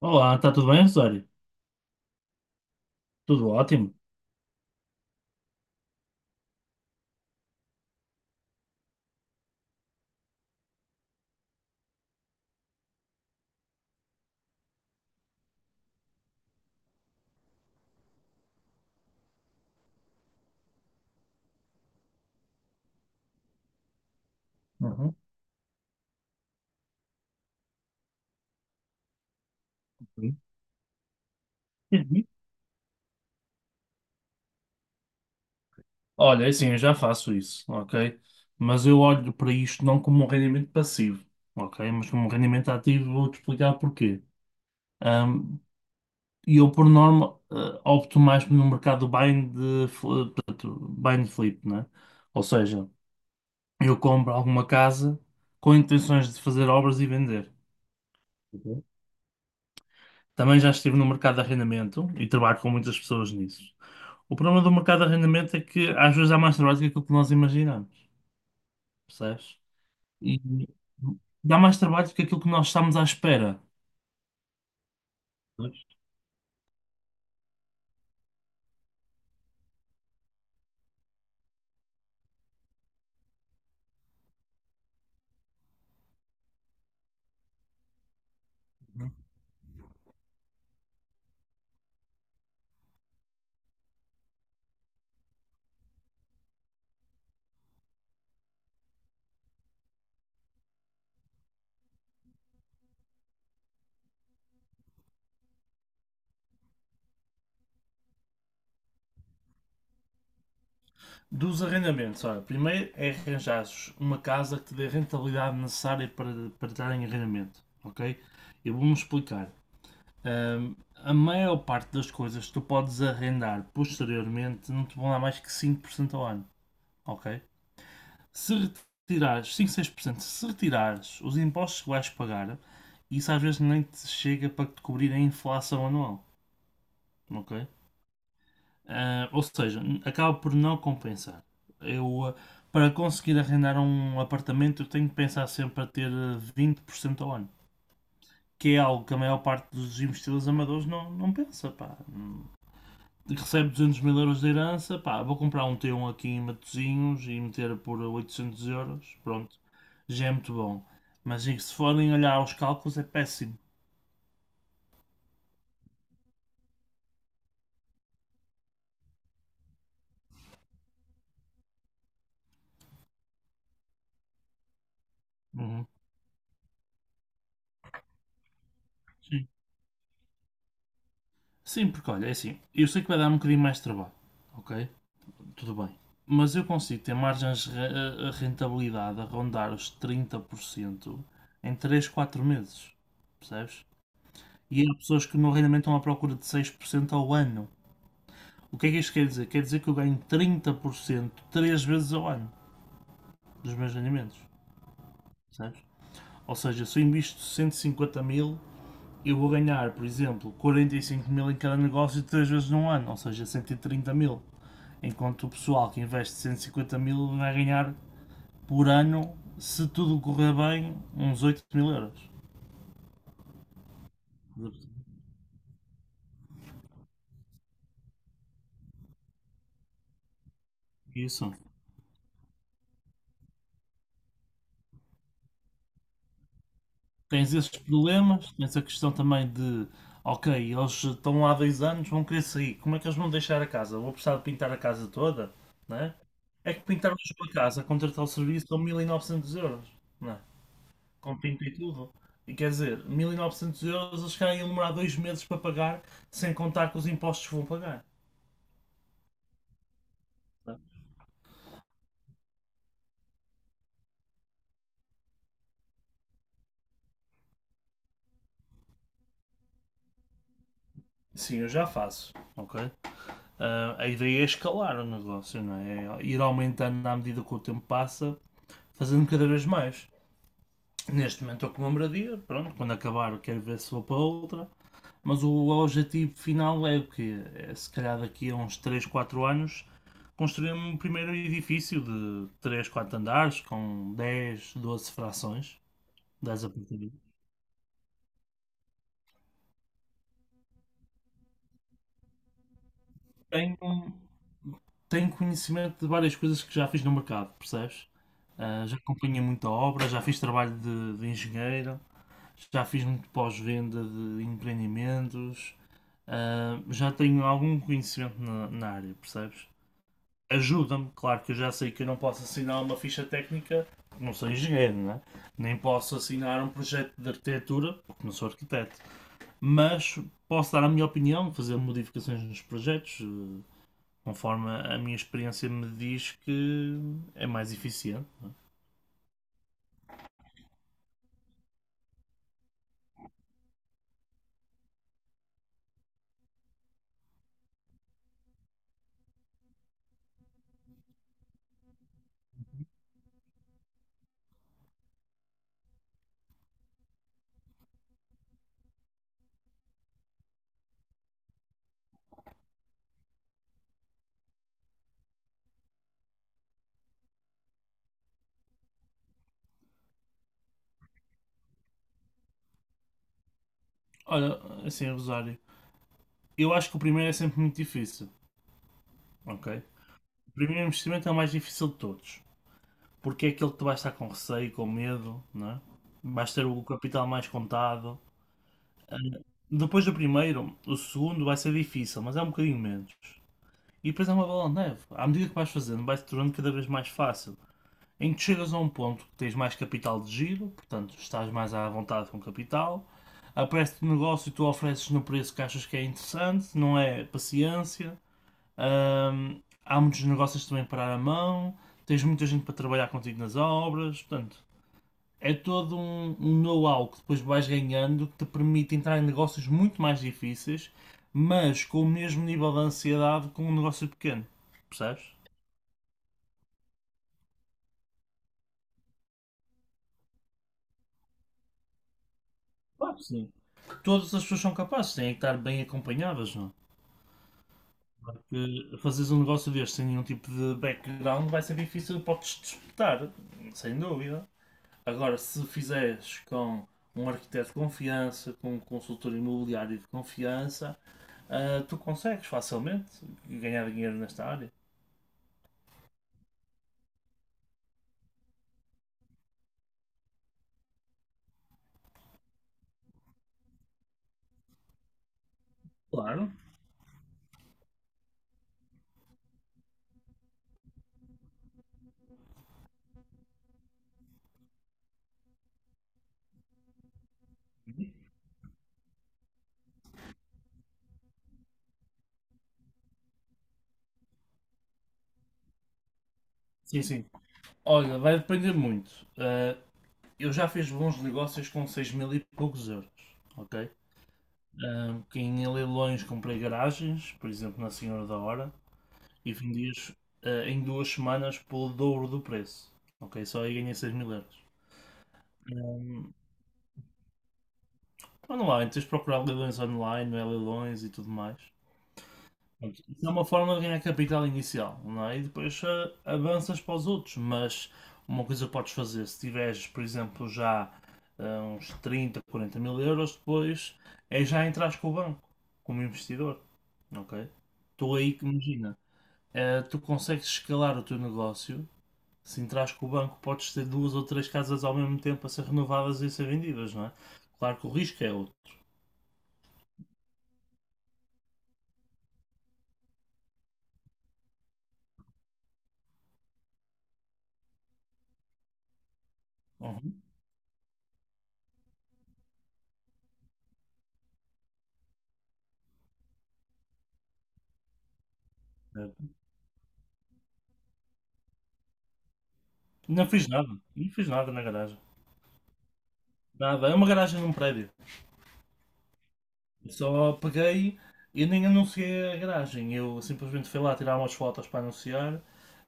Olá, está tudo bem, Rosário? Tudo ótimo. Uhum. Sim. Uhum. Olha, é assim, eu já faço isso, ok? Mas eu olho para isto não como um rendimento passivo, ok? Mas como um rendimento ativo, vou-te explicar porquê. Ahm, E eu, por norma, opto mais no mercado bind, portanto, buy and flip, né? Ou seja, eu compro alguma casa com intenções de fazer obras e vender. Uhum. Também já estive no mercado de arrendamento e trabalho com muitas pessoas nisso. O problema do mercado de arrendamento é que às vezes dá mais trabalho do que aquilo que nós imaginamos, percebes? E dá mais trabalho do que aquilo que nós estamos à espera. Percebes? Dos arrendamentos, olha, primeiro é arranjares uma casa que te dê a rentabilidade necessária para, para estar em arrendamento, ok? Eu vou-me explicar. A maior parte das coisas que tu podes arrendar posteriormente não te vão dar mais que 5% ao ano, ok? Se retirares cinco seis por cento, se retirares os impostos que vais pagar, isso às vezes nem te chega para te cobrir a inflação anual, ok? Ou seja, acaba por não compensar. Eu, para conseguir arrendar um apartamento, eu tenho que pensar sempre a ter 20% ao ano, que é algo que a maior parte dos investidores amadores não, não pensa, pá. Recebe 200 mil euros de herança, pá, vou comprar um T1 aqui em Matosinhos e meter por 800 euros, pronto, já é muito bom. Mas se forem olhar aos cálculos é péssimo. Uhum. Sim. Sim, porque olha, é assim, eu sei que vai dar um bocadinho mais de trabalho, ok? Tudo bem. Mas eu consigo ter margens de rentabilidade a rondar os 30% em 3 4 meses, percebes? E há pessoas que no rendimento estão à procura de 6% ao ano. O que é que isto quer dizer? Quer dizer que eu ganho 30% 3 vezes ao ano dos meus rendimentos, percebes? Ou seja, se eu invisto 150 mil, eu vou ganhar, por exemplo, 45 mil em cada negócio 3 vezes num ano, ou seja, 130 mil. Enquanto o pessoal que investe 150 mil vai ganhar por ano, se tudo correr bem, uns 8 mil euros. Isso. Tens esses problemas, tens a questão também de, ok, eles estão lá há dois anos, vão querer sair, como é que eles vão deixar a casa? Vou precisar de pintar a casa toda, né? É que pintar hoje uma casa, contratar o serviço são 1900 euros, né? Com pinto e tudo. E quer dizer, 1.900 € eles querem demorar dois meses para pagar, sem contar com os impostos que vão pagar. Né? Sim, eu já faço, ok? A ideia é escalar o negócio, não é? É ir aumentando à medida que o tempo passa, fazendo cada vez mais. Neste momento estou com uma moradia, pronto, quando acabar quero ver se vou para outra, mas o objetivo final é o quê? É se calhar daqui a uns três quatro anos construir um primeiro edifício de 3 4 andares com 10 12 frações, 10 apartamentos. Tenho, tenho conhecimento de várias coisas que já fiz no mercado, percebes? Já acompanhei muita obra, já fiz trabalho de engenheiro, já fiz muito pós-venda de empreendimentos, já tenho algum conhecimento na, na área, percebes? Ajuda-me, claro que eu já sei que eu não posso assinar uma ficha técnica, não sou engenheiro, né? Nem posso assinar um projeto de arquitetura, porque não sou arquiteto, mas posso dar a minha opinião, fazer modificações nos projetos, conforme a minha experiência me diz que é mais eficiente. Olha, assim, Rosário, eu acho que o primeiro é sempre muito difícil, ok? O primeiro investimento é o mais difícil de todos. Porque é aquele que tu vais estar com receio, com medo, não é? Vais ter o capital mais contado. Depois do primeiro, o segundo vai ser difícil, mas é um bocadinho menos. E depois é uma bola de neve. À medida que vais fazendo, vai-se tornando cada vez mais fácil. Em que chegas a um ponto que tens mais capital de giro, portanto estás mais à vontade com capital, aparece-te um negócio e tu ofereces no preço que achas que é interessante, não é paciência. Há muitos negócios também para a mão, tens muita gente para trabalhar contigo nas obras, portanto, é todo um, um know-how que depois vais ganhando que te permite entrar em negócios muito mais difíceis, mas com o mesmo nível de ansiedade com um negócio pequeno. Percebes? Claro que sim. Todas as pessoas são capazes, têm que estar bem acompanhadas, não? Porque fazeres um negócio deste sem nenhum tipo de background vai ser difícil, podes disputar, sem dúvida. Agora, se fizeres com um arquiteto de confiança, com um consultor imobiliário de confiança, tu consegues facilmente ganhar dinheiro nesta área. Claro. Sim, sim. Olha, vai depender muito. Ah, eu já fiz bons negócios com 6 mil e poucos euros, ok? Que em leilões comprei garagens, por exemplo, na Senhora da Hora, e vendi-as em duas semanas pelo dobro do preço, ok? Só aí ganhei 6 mil euros. Online, tens de procurar leilões online, não é leilões e tudo mais. Pronto, isso é uma forma de ganhar capital inicial, não é? E depois avanças para os outros, mas uma coisa que podes fazer, se tiveres, por exemplo, já uns 30, 40 mil euros, depois é já entrar com o banco, como investidor, ok? Tu aí que imagina, tu consegues escalar o teu negócio, se entras com o banco podes ter duas ou três casas ao mesmo tempo a ser renovadas e a ser vendidas, não é? Claro que o risco é outro. Uhum, certo. Não fiz nada, não fiz nada na garagem. Nada, é uma garagem num prédio. Só peguei, eu nem anunciei a garagem, eu simplesmente fui lá tirar umas fotos para anunciar.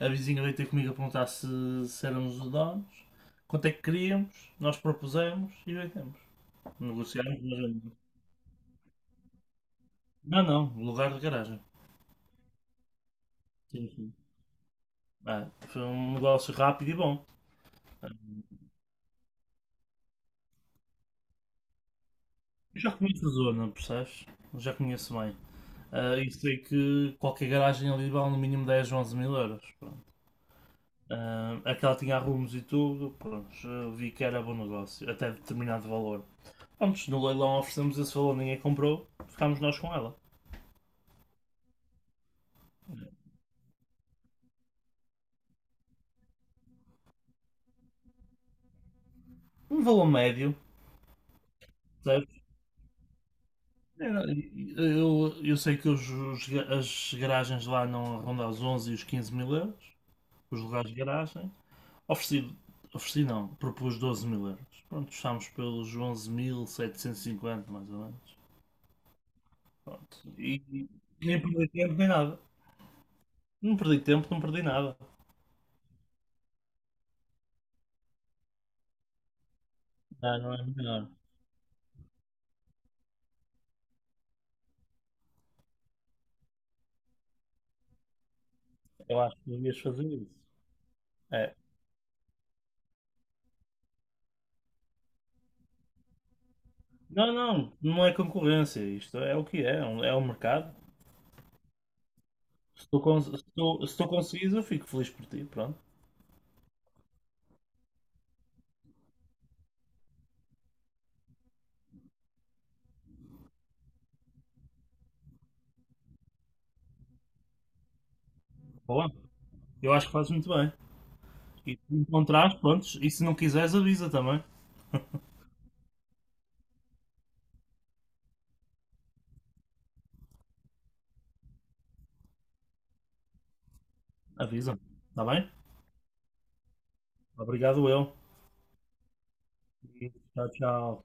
A vizinha veio ter comigo a perguntar se, se éramos os donos, quanto é que queríamos, nós propusemos e vendemos. Negociámos, mas vendemos. Não, não, lugar de garagem. Sim, sim. Foi um negócio rápido e bom. Eu já conheço a zona, percebes? Eu já conheço bem. E sei que qualquer garagem ali vale no mínimo 10 ou 11 mil euros. Aquela tinha arrumos e tudo, pronto, vi que era bom negócio, até determinado valor. Antes no leilão oferecemos esse valor, ninguém comprou, ficámos nós com ela. Um valor médio, percebes? Era- eu sei que as garagens lá não rondam os 11 e os 15 mil euros, os lugares de garagem. Ofereci, ofereci não, propus 12 mil euros. Pronto, estamos pelos 11.750 mais ou menos. Pronto. E nem perdi tempo nem nada. Não perdi tempo, não perdi nada. Não, não é melhor. Eu acho que devias fazer isso. É. Não, não, não é concorrência. Isto é o que é, é um mercado. Se tu conseguires, eu fico feliz por ti. Pronto. Boa. Eu acho que fazes muito bem. E se encontrares, pronto. E se não quiseres, avisa também. Avisa. Está bem? Obrigado, eu. E tchau, tchau.